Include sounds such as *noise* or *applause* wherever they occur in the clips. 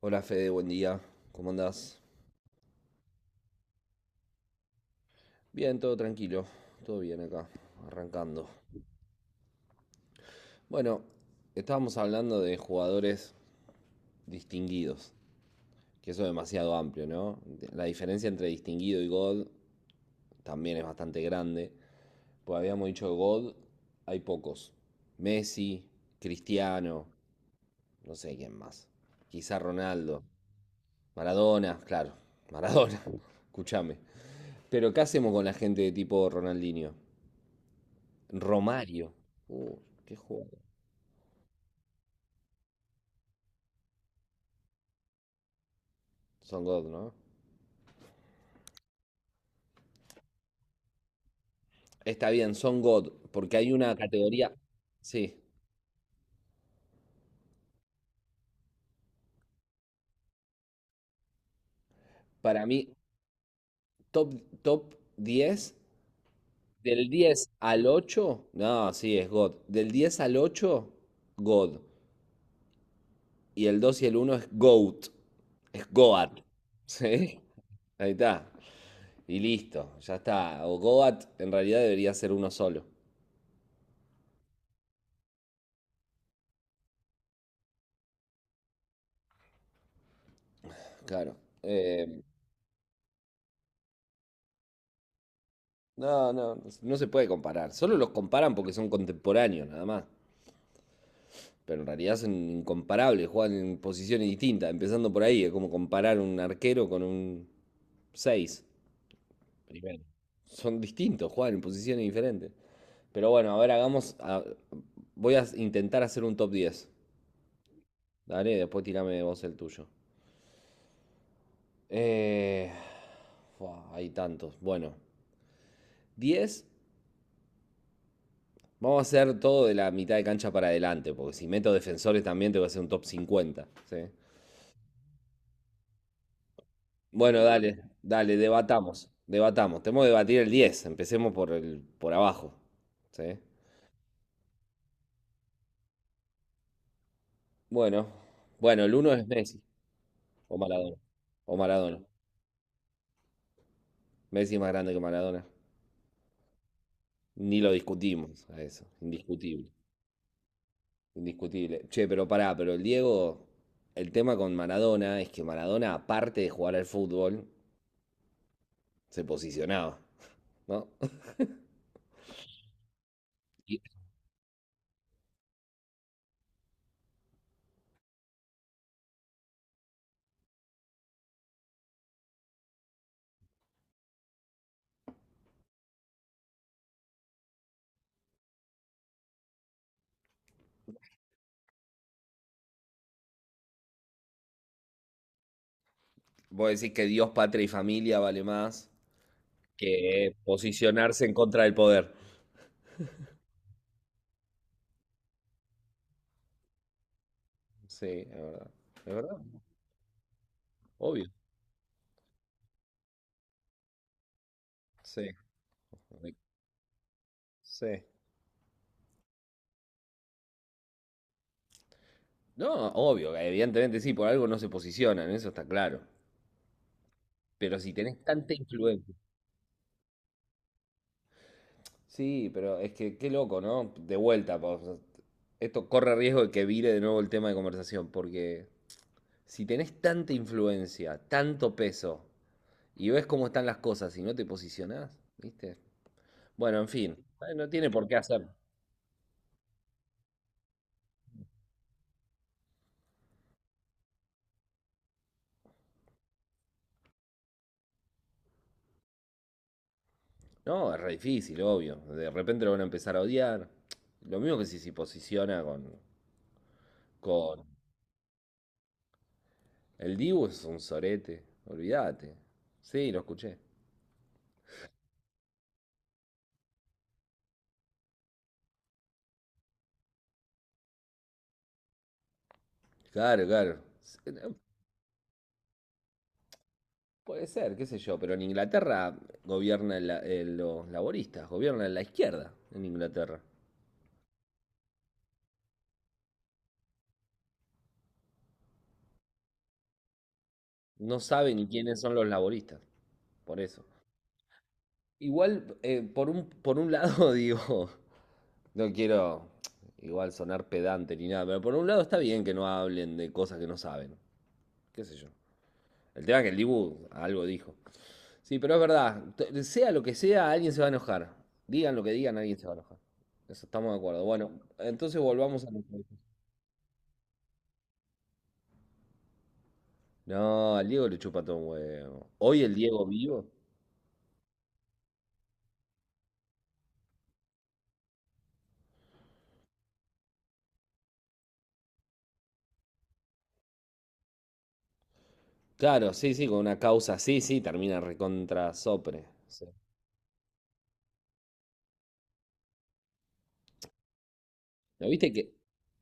Hola Fede, buen día. ¿Cómo andás? Bien, todo tranquilo. Todo bien acá, arrancando. Bueno, estábamos hablando de jugadores distinguidos, que eso es demasiado amplio, ¿no? La diferencia entre distinguido y God también es bastante grande. Pues habíamos dicho God, hay pocos. Messi, Cristiano, no sé quién más. Quizá Ronaldo. Maradona, claro. Maradona, *laughs* escúchame. Pero ¿qué hacemos con la gente de tipo Ronaldinho? Romario. Uh, qué juego. Son God, ¿no? Está bien, son God, porque hay una categoría. Sí, para mí, top, top diez, del 10 al ocho. No, sí, es God. Del 10 al ocho, God. Y el 2 y el uno es GOAT. Es Goat. *laughs* Sí, ahí está. Y listo, ya está. O Goat en realidad debería ser uno solo. Claro. Eh, No, no, no se puede comparar. Solo los comparan porque son contemporáneos, nada más. Pero en realidad son incomparables, juegan en posiciones distintas. Empezando por ahí, es como comparar un arquero con un 6. Primero. Son distintos, juegan en posiciones diferentes. Pero bueno, a ver, hagamos. Voy a intentar hacer un top 10. Dale, después tirame vos el tuyo. Eh, fua, hay tantos. Bueno, 10. Vamos a hacer todo de la mitad de cancha para adelante, porque si meto defensores también te voy a hacer un top 50. ¿Sí? Bueno, dale, dale, debatamos, debatamos. Tenemos que debatir el 10. Empecemos por abajo, ¿sí? Bueno, bueno, el uno es Messi o Maradona, o Maradona. Messi es más grande que Maradona. Ni lo discutimos a eso, indiscutible, indiscutible. Che, pero pará, pero el Diego, el tema con Maradona es que Maradona, aparte de jugar al fútbol, se posicionaba, ¿no? *laughs* Vos decís que Dios, patria y familia vale más que posicionarse en contra del poder. Sí, es verdad. Es verdad, obvio. Sí, sí. No, obvio, evidentemente sí, por algo no se posicionan, eso está claro. Pero si tenés tanta influencia. Sí, pero es que qué loco, ¿no? De vuelta, po, o sea, esto corre riesgo de que vire de nuevo el tema de conversación, porque si tenés tanta influencia, tanto peso, y ves cómo están las cosas y no te posicionás, ¿viste? Bueno, en fin, no tiene por qué hacer. No, es re difícil, obvio. De repente lo van a empezar a odiar. Lo mismo que si se posiciona con, con... El Dibu es un sorete, olvídate. Sí, lo escuché. Claro, claro. No, puede ser, qué sé yo, pero en Inglaterra gobierna los laboristas, gobierna la izquierda en Inglaterra. No sabe ni quiénes son los laboristas, por eso. Igual, por un, lado *laughs* digo, no quiero igual sonar pedante ni nada, pero por un lado está bien que no hablen de cosas que no saben, qué sé yo. El tema es que el Dibu algo dijo. Sí, pero es verdad, sea lo que sea, alguien se va a enojar. Digan lo que digan, alguien se va a enojar. Eso estamos de acuerdo. Bueno, entonces volvamos a... No, al Diego le chupa todo un huevo. Hoy el Diego vivo. Claro, sí, sí, con una causa, sí, sí, termina recontra sopre. ¿No viste que?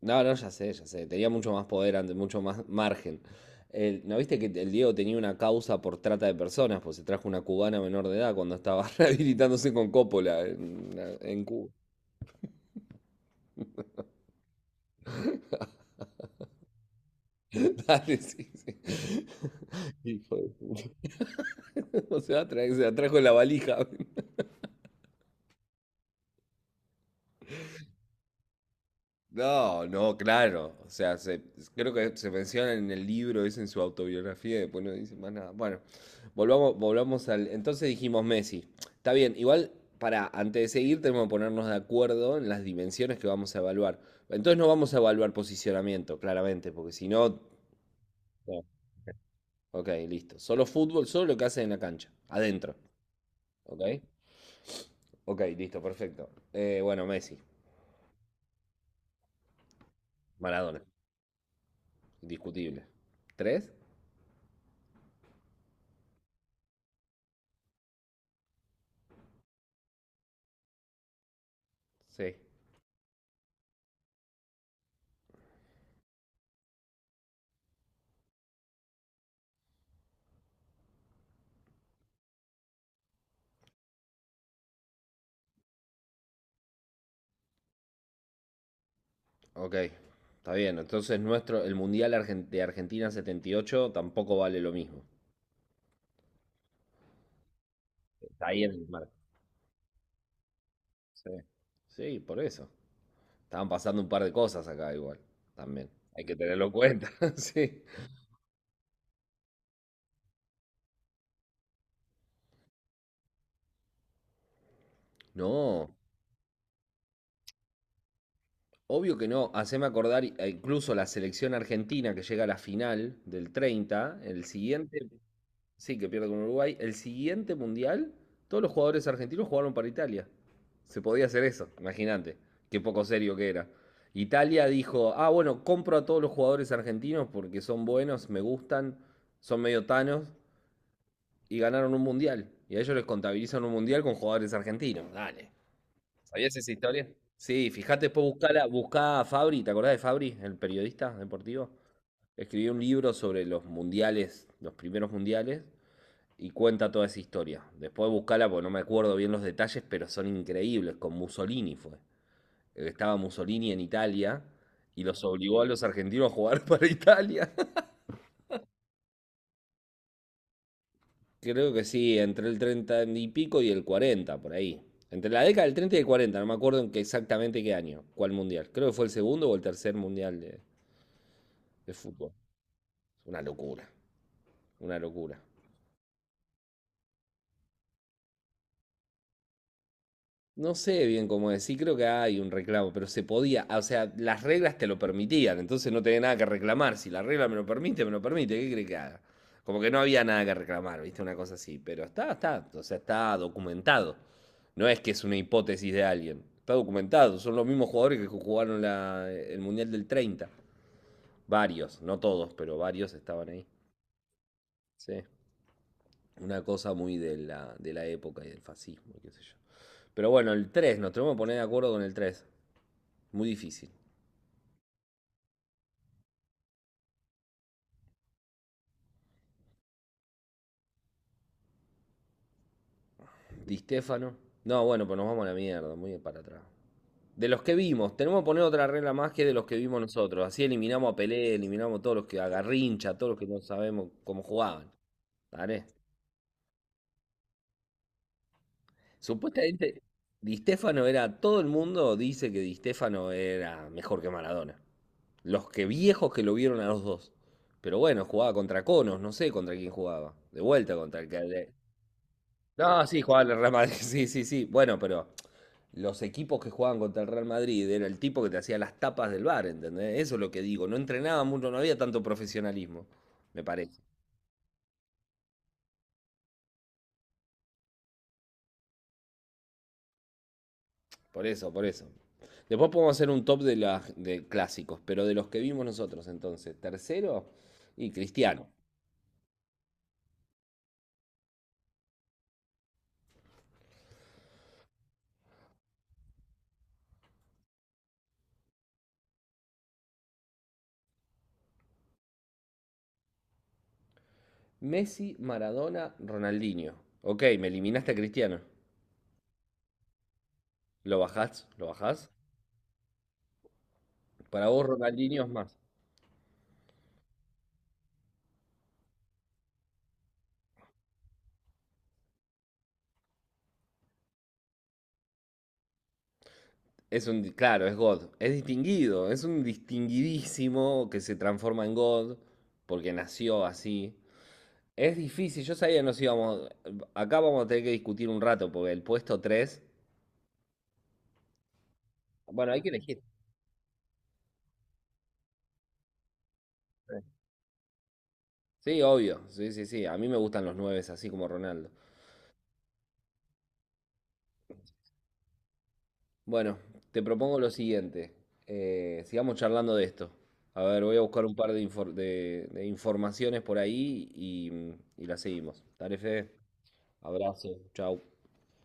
No, no, ya sé, ya sé. Tenía mucho más poder antes, mucho más *laughs* margen. ¿No viste que el Diego tenía una causa por trata de personas? Pues se trajo una cubana menor de edad cuando estaba *laughs* rehabilitándose con Coppola en Cuba. *laughs* Dale, sí, sí. *laughs* Hijo de puta. *laughs* O sea, se la trajo en la valija. No, no, claro. O sea, creo que se menciona en el libro, es en su autobiografía, y después no dice más nada. Bueno, volvamos al. Entonces dijimos Messi. Está bien, igual, para antes de seguir tenemos que ponernos de acuerdo en las dimensiones que vamos a evaluar. Entonces no vamos a evaluar posicionamiento, claramente, porque si no. No. Ok, listo. Solo fútbol, solo lo que hace en la cancha, adentro. Ok, ok, listo, perfecto. Bueno, Messi, Maradona, indiscutible. ¿Tres? Sí. Ok, está bien. Entonces nuestro, de Argentina 78 tampoco vale lo mismo. Está ahí en el marco. Sí. Sí, por eso. Estaban pasando un par de cosas acá igual, también. Hay que tenerlo en cuenta, *laughs* sí. No, obvio que no. Haceme acordar, e incluso la selección argentina que llega a la final del 30, el siguiente. Sí, que pierde con Uruguay. El siguiente mundial, todos los jugadores argentinos jugaron para Italia. Se podía hacer eso, imagínate. Qué poco serio que era. Italia dijo, ah, bueno, compro a todos los jugadores argentinos porque son buenos, me gustan, son medio tanos y ganaron un mundial. Y a ellos les contabilizan un mundial con jugadores argentinos. Dale. ¿Sabías esa historia? Sí, fíjate, después buscala, buscá a Fabri, ¿te acordás de Fabri, el periodista deportivo? Escribió un libro sobre los mundiales, los primeros mundiales, y cuenta toda esa historia. Después buscala porque no me acuerdo bien los detalles, pero son increíbles. Con Mussolini fue. Estaba Mussolini en Italia y los obligó a los argentinos a jugar para Italia. *laughs* Creo que sí, entre el 30 y pico y el 40 por ahí. Entre la década del 30 y el 40 no me acuerdo exactamente qué año, cuál mundial. Creo que fue el segundo o el tercer mundial de, fútbol. Una locura, una locura. No sé bien cómo decir, creo que hay un reclamo, pero se podía, ah, o sea, las reglas te lo permitían, entonces no tenía nada que reclamar. Si la regla me lo permite, ¿qué crees que haga? Como que no había nada que reclamar, ¿viste? Una cosa así, pero está, o sea, está documentado. No es que es una hipótesis de alguien, está documentado. Son los mismos jugadores que jugaron el Mundial del 30. Varios, no todos, pero varios estaban ahí. Sí, una cosa muy de la época y del fascismo, qué sé yo. Pero bueno, el 3 nos tenemos que poner de acuerdo con el tres. Muy difícil. Di Stefano. No, bueno, pues nos vamos a la mierda, muy para atrás. De los que vimos, tenemos que poner otra regla más, que de los que vimos nosotros. Así eliminamos a Pelé, eliminamos a todos los que, a Garrincha, a todos los que no sabemos cómo jugaban. ¿Vale? Supuestamente, Di Stefano era. Todo el mundo dice que Di Stefano era mejor que Maradona. Los que viejos que lo vieron a los dos. Pero bueno, jugaba contra Conos, no sé contra quién jugaba. De vuelta contra el que. No, sí, jugaba en el Real Madrid, *laughs* sí, sí, sí. Bueno, pero los equipos que jugaban contra el Real Madrid era el tipo que te hacía las tapas del bar, ¿entendés? Eso es lo que digo. No entrenaba mucho, no había tanto profesionalismo, me parece. Por eso, por eso. Después podemos hacer un top de, las de clásicos, pero de los que vimos nosotros entonces. Tercero, y Cristiano. Messi, Maradona, Ronaldinho. Ok, me eliminaste a Cristiano. ¿Lo bajás? ¿Lo bajás? Para vos Ronaldinho es más. Es un, claro, es God. Es distinguido, es un distinguidísimo que se transforma en God porque nació así. Es difícil, yo sabía que nos íbamos. Acá vamos a tener que discutir un rato porque el puesto tres. Bueno, hay que elegir. Sí, obvio. Sí, sí, sí. A mí me gustan los 9 así como Ronaldo. Bueno, te propongo lo siguiente. Sigamos charlando de esto. A ver, voy a buscar un par de informaciones por ahí, la seguimos. Dale, Fede. Abrazo. Chau.